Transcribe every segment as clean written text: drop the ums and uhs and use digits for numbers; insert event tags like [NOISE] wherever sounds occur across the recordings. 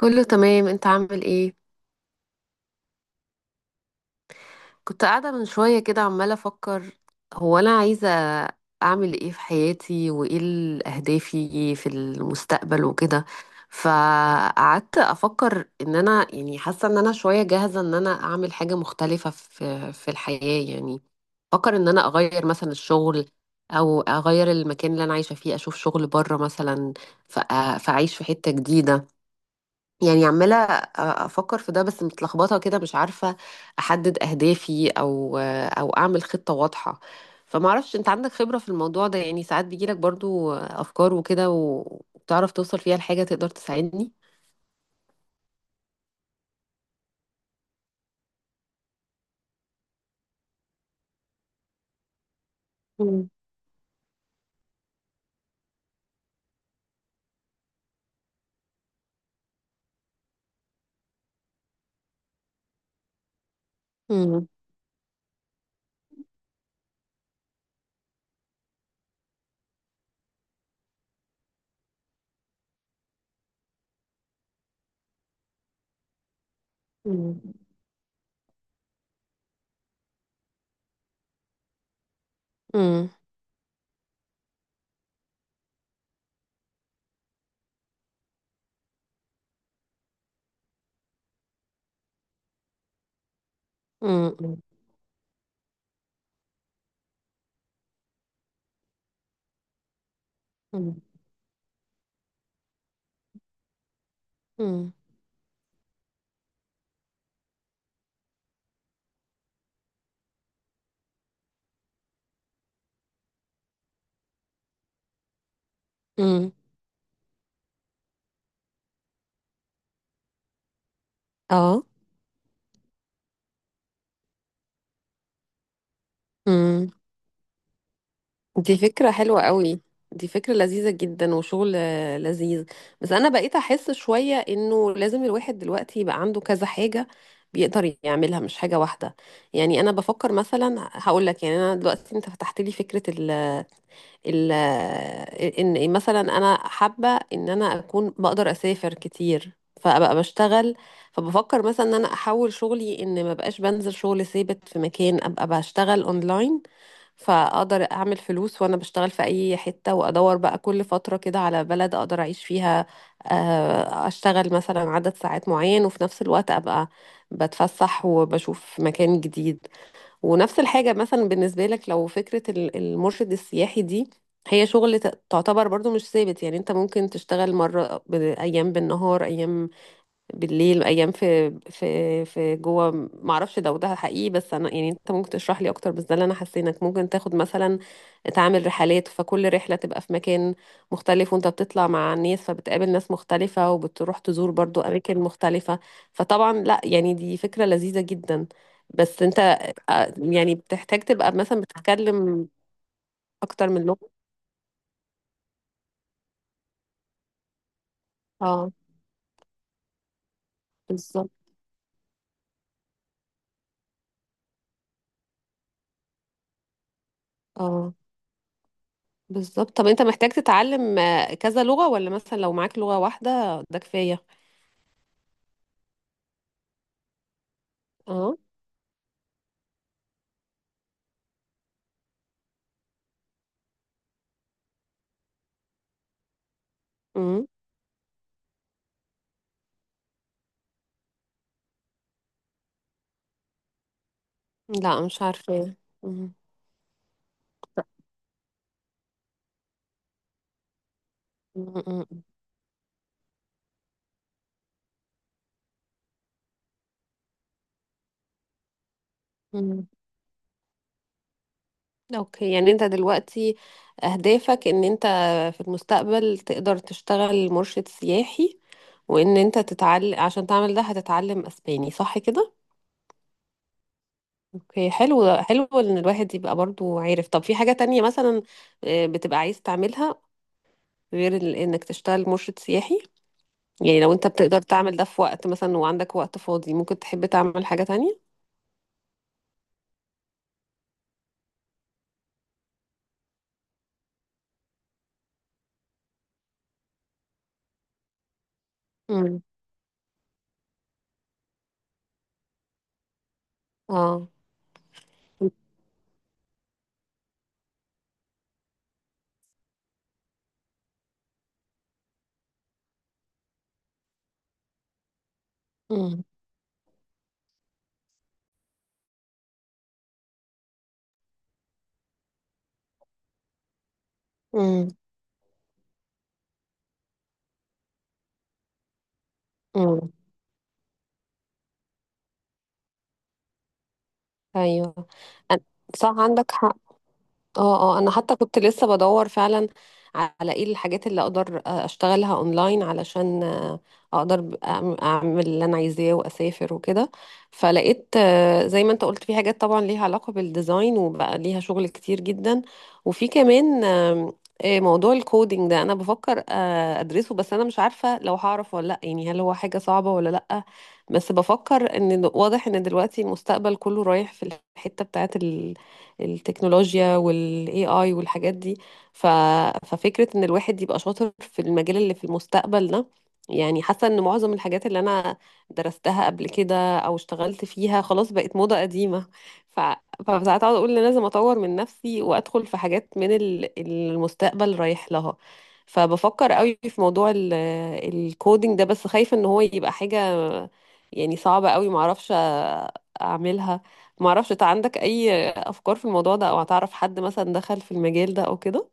كله تمام، انت عامل ايه؟ كنت قاعدة من شوية كده عمالة افكر، هو انا عايزة اعمل ايه في حياتي، وايه اهدافي في المستقبل وكده. فقعدت افكر ان انا يعني حاسة ان انا شوية جاهزة ان انا اعمل حاجة مختلفة في الحياة يعني. افكر ان انا اغير مثلا الشغل، او اغير المكان اللي انا عايشة فيه، اشوف شغل بره مثلا. فاعيش في حتة جديدة. يعني عمالة أفكر في ده، بس متلخبطة كده مش عارفة أحدد أهدافي أو أعمل خطة واضحة. فمعرفش، أنت عندك خبرة في الموضوع ده؟ يعني ساعات بيجيلك برضو أفكار وكده، وبتعرف توصل فيها لحاجة، تقدر تساعدني؟ مم. مم. مم. مم. مم. مم. مم. مم. اه، دي فكرة حلوة قوي. دي فكرة لذيذة جدا وشغل لذيذ. بس أنا بقيت أحس شوية إنه لازم الواحد دلوقتي يبقى عنده كذا حاجة بيقدر يعملها، مش حاجة واحدة. يعني أنا بفكر مثلا هقول لك، يعني أنا دلوقتي أنت فتحت لي فكرة ال ال إن مثلا أنا حابة إن أنا أكون بقدر أسافر كتير فأبقى بشتغل. فبفكر مثلا إن أنا أحول شغلي، إن ما بقاش بنزل شغل ثابت في مكان، أبقى بشتغل أونلاين. فاقدر اعمل فلوس وانا بشتغل في اي حتة، وادور بقى كل فترة كده على بلد اقدر اعيش فيها. اشتغل مثلا عدد ساعات معين، وفي نفس الوقت ابقى بتفسح وبشوف مكان جديد. ونفس الحاجة مثلا بالنسبة لك، لو فكرة المرشد السياحي دي هي شغل تعتبر برضو مش ثابت، يعني انت ممكن تشتغل مرة ايام بالنهار ايام بالليل ايام في جوه. ما اعرفش ده وده حقيقي، بس انا يعني انت ممكن تشرح لي اكتر، بس ده اللي انا حسينك ممكن تاخد مثلا، تعمل رحلات، فكل رحله تبقى في مكان مختلف وانت بتطلع مع الناس، فبتقابل ناس مختلفه وبتروح تزور برضو اماكن مختلفه. فطبعا لا، يعني دي فكره لذيذه جدا. بس انت يعني بتحتاج تبقى مثلا بتتكلم اكتر من لغه. اه، بالظبط. اه، بالظبط. طب انت محتاج تتعلم كذا لغة، ولا مثلا لو معاك لغة واحدة ده كفاية؟ اه. امم لا، مش عارفة. مم. مم. مم. مم. اوكي، يعني انت دلوقتي اهدافك ان انت في المستقبل تقدر تشتغل مرشد سياحي، وان انت تتعلم عشان تعمل ده هتتعلم اسباني، صح كده؟ اوكي، حلو حلو ان الواحد يبقى برضو عارف. طب في حاجة تانية مثلا بتبقى عايز تعملها غير انك تشتغل مرشد سياحي؟ يعني لو انت بتقدر تعمل ده في وقت مثلا، وعندك وقت فاضي ممكن تحب تعمل حاجة تانية. امم. اه. امم. امم. امم. ايوه. أن- صح، عندك حق. اه، اه، انا حتى كنت لسه بدور فعلا على ايه الحاجات اللي اقدر اشتغلها اونلاين، علشان اقدر اعمل اللي انا عايزاه واسافر وكده. فلقيت زي ما انت قلت في حاجات طبعا ليها علاقة بالديزاين وبقى ليها شغل كتير جدا. وفي كمان موضوع الكودينج ده، انا بفكر ادرسه، بس انا مش عارفة لو هعرف ولا لا، يعني هل هو حاجة صعبة ولا لا. بس بفكر ان واضح ان دلوقتي المستقبل كله رايح في الحتة بتاعت التكنولوجيا والاي اي والحاجات دي. ف... ففكرة ان الواحد يبقى شاطر في المجال اللي في المستقبل ده، يعني حاسة ان معظم الحاجات اللي انا درستها قبل كده او اشتغلت فيها خلاص بقت موضة قديمة. ف... فساعات اقعد اقول إن لازم اطور من نفسي وادخل في حاجات من المستقبل رايح لها. فبفكر قوي في موضوع الكودينج ده، بس خايفة ان هو يبقى حاجة يعني صعبة قوي معرفش اعملها. معرفش، انت عندك اي افكار في الموضوع ده، او هتعرف حد مثلا دخل في المجال ده او كده؟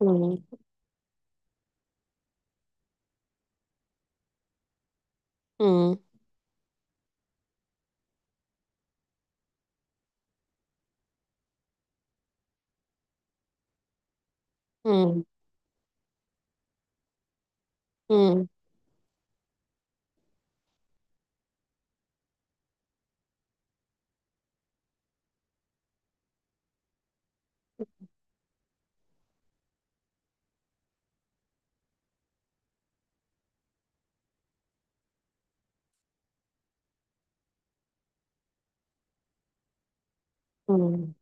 مم. مم. مم. مم. مم.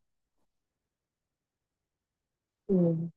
مم.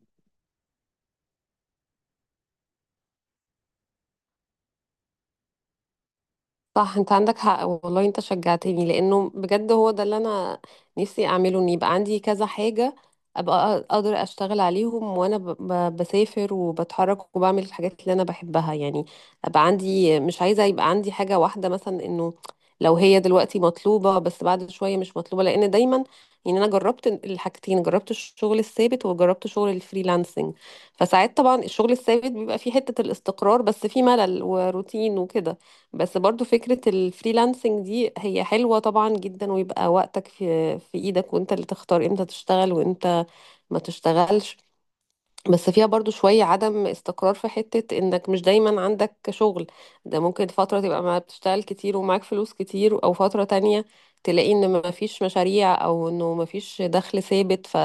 صح، انت عندك حق والله، انت شجعتني لانه بجد هو ده اللي انا نفسي اعمله، ان يبقى عندي كذا حاجة ابقى اقدر اشتغل عليهم وانا بسافر وبتحرك وبعمل الحاجات اللي انا بحبها يعني. ابقى عندي، مش عايزة يبقى عندي حاجة واحدة مثلا، انه لو هي دلوقتي مطلوبة بس بعد شوية مش مطلوبة، لان دايما يعني انا جربت الحاجتين، جربت الشغل الثابت وجربت شغل الفريلانسنج. فساعات طبعا الشغل الثابت بيبقى فيه حتة الاستقرار، بس فيه ملل وروتين وكده. بس برضو فكرة الفريلانسنج دي هي حلوة طبعا جدا، ويبقى وقتك في ايدك، وانت اللي تختار امتى تشتغل وامتى ما تشتغلش. بس فيها برضو شوية عدم استقرار في حتة انك مش دايما عندك شغل، ده ممكن فترة تبقى ما بتشتغل كتير ومعاك فلوس كتير، او فترة تانية تلاقي ان ما فيش مشاريع، او انه ما فيش دخل ثابت.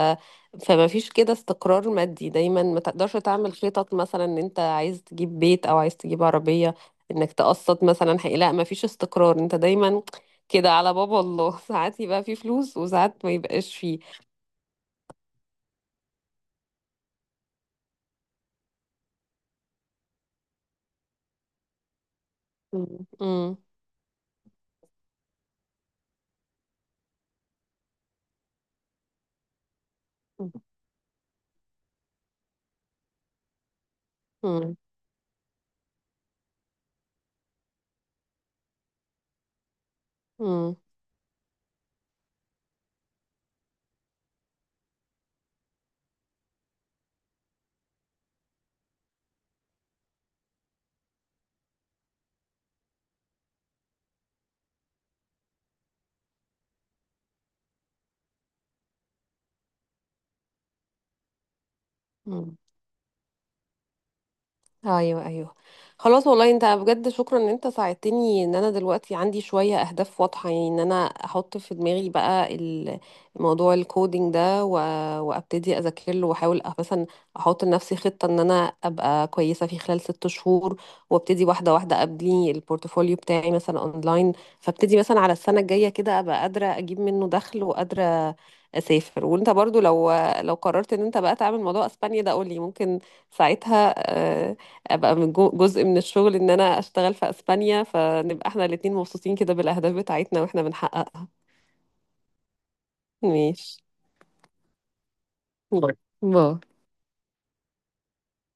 فما فيش كده استقرار مادي، دايما ما تقدرش تعمل خطط مثلا ان انت عايز تجيب بيت او عايز تجيب عربية، انك تقسط مثلا. حقيقة لا، ما فيش استقرار، انت دايما كده على باب الله [LAUGHS] ساعات يبقى في فلوس وساعات ما يبقاش فيه. مم. مم. مم. مم. ايوه، ايوه. خلاص، والله انت بجد شكرا ان انت ساعدتني، ان انا دلوقتي عندي شويه اهداف واضحه، يعني ان انا احط في دماغي بقى موضوع الكودينج ده وابتدي اذاكر له، واحاول مثلا احط لنفسي خطه ان انا ابقى كويسه في خلال 6 شهور، وابتدي واحده واحده ابني البورتفوليو بتاعي مثلا اونلاين. فابتدي مثلا على السنه الجايه كده ابقى قادره اجيب منه دخل وقادره اسافر. وانت برضو لو قررت ان انت بقى تعمل موضوع اسبانيا ده قولي، ممكن ساعتها ابقى من جزء من الشغل ان انا اشتغل في اسبانيا، فنبقى احنا الاتنين مبسوطين كده بالاهداف بتاعتنا واحنا بنحققها. ماشي. باي. باي.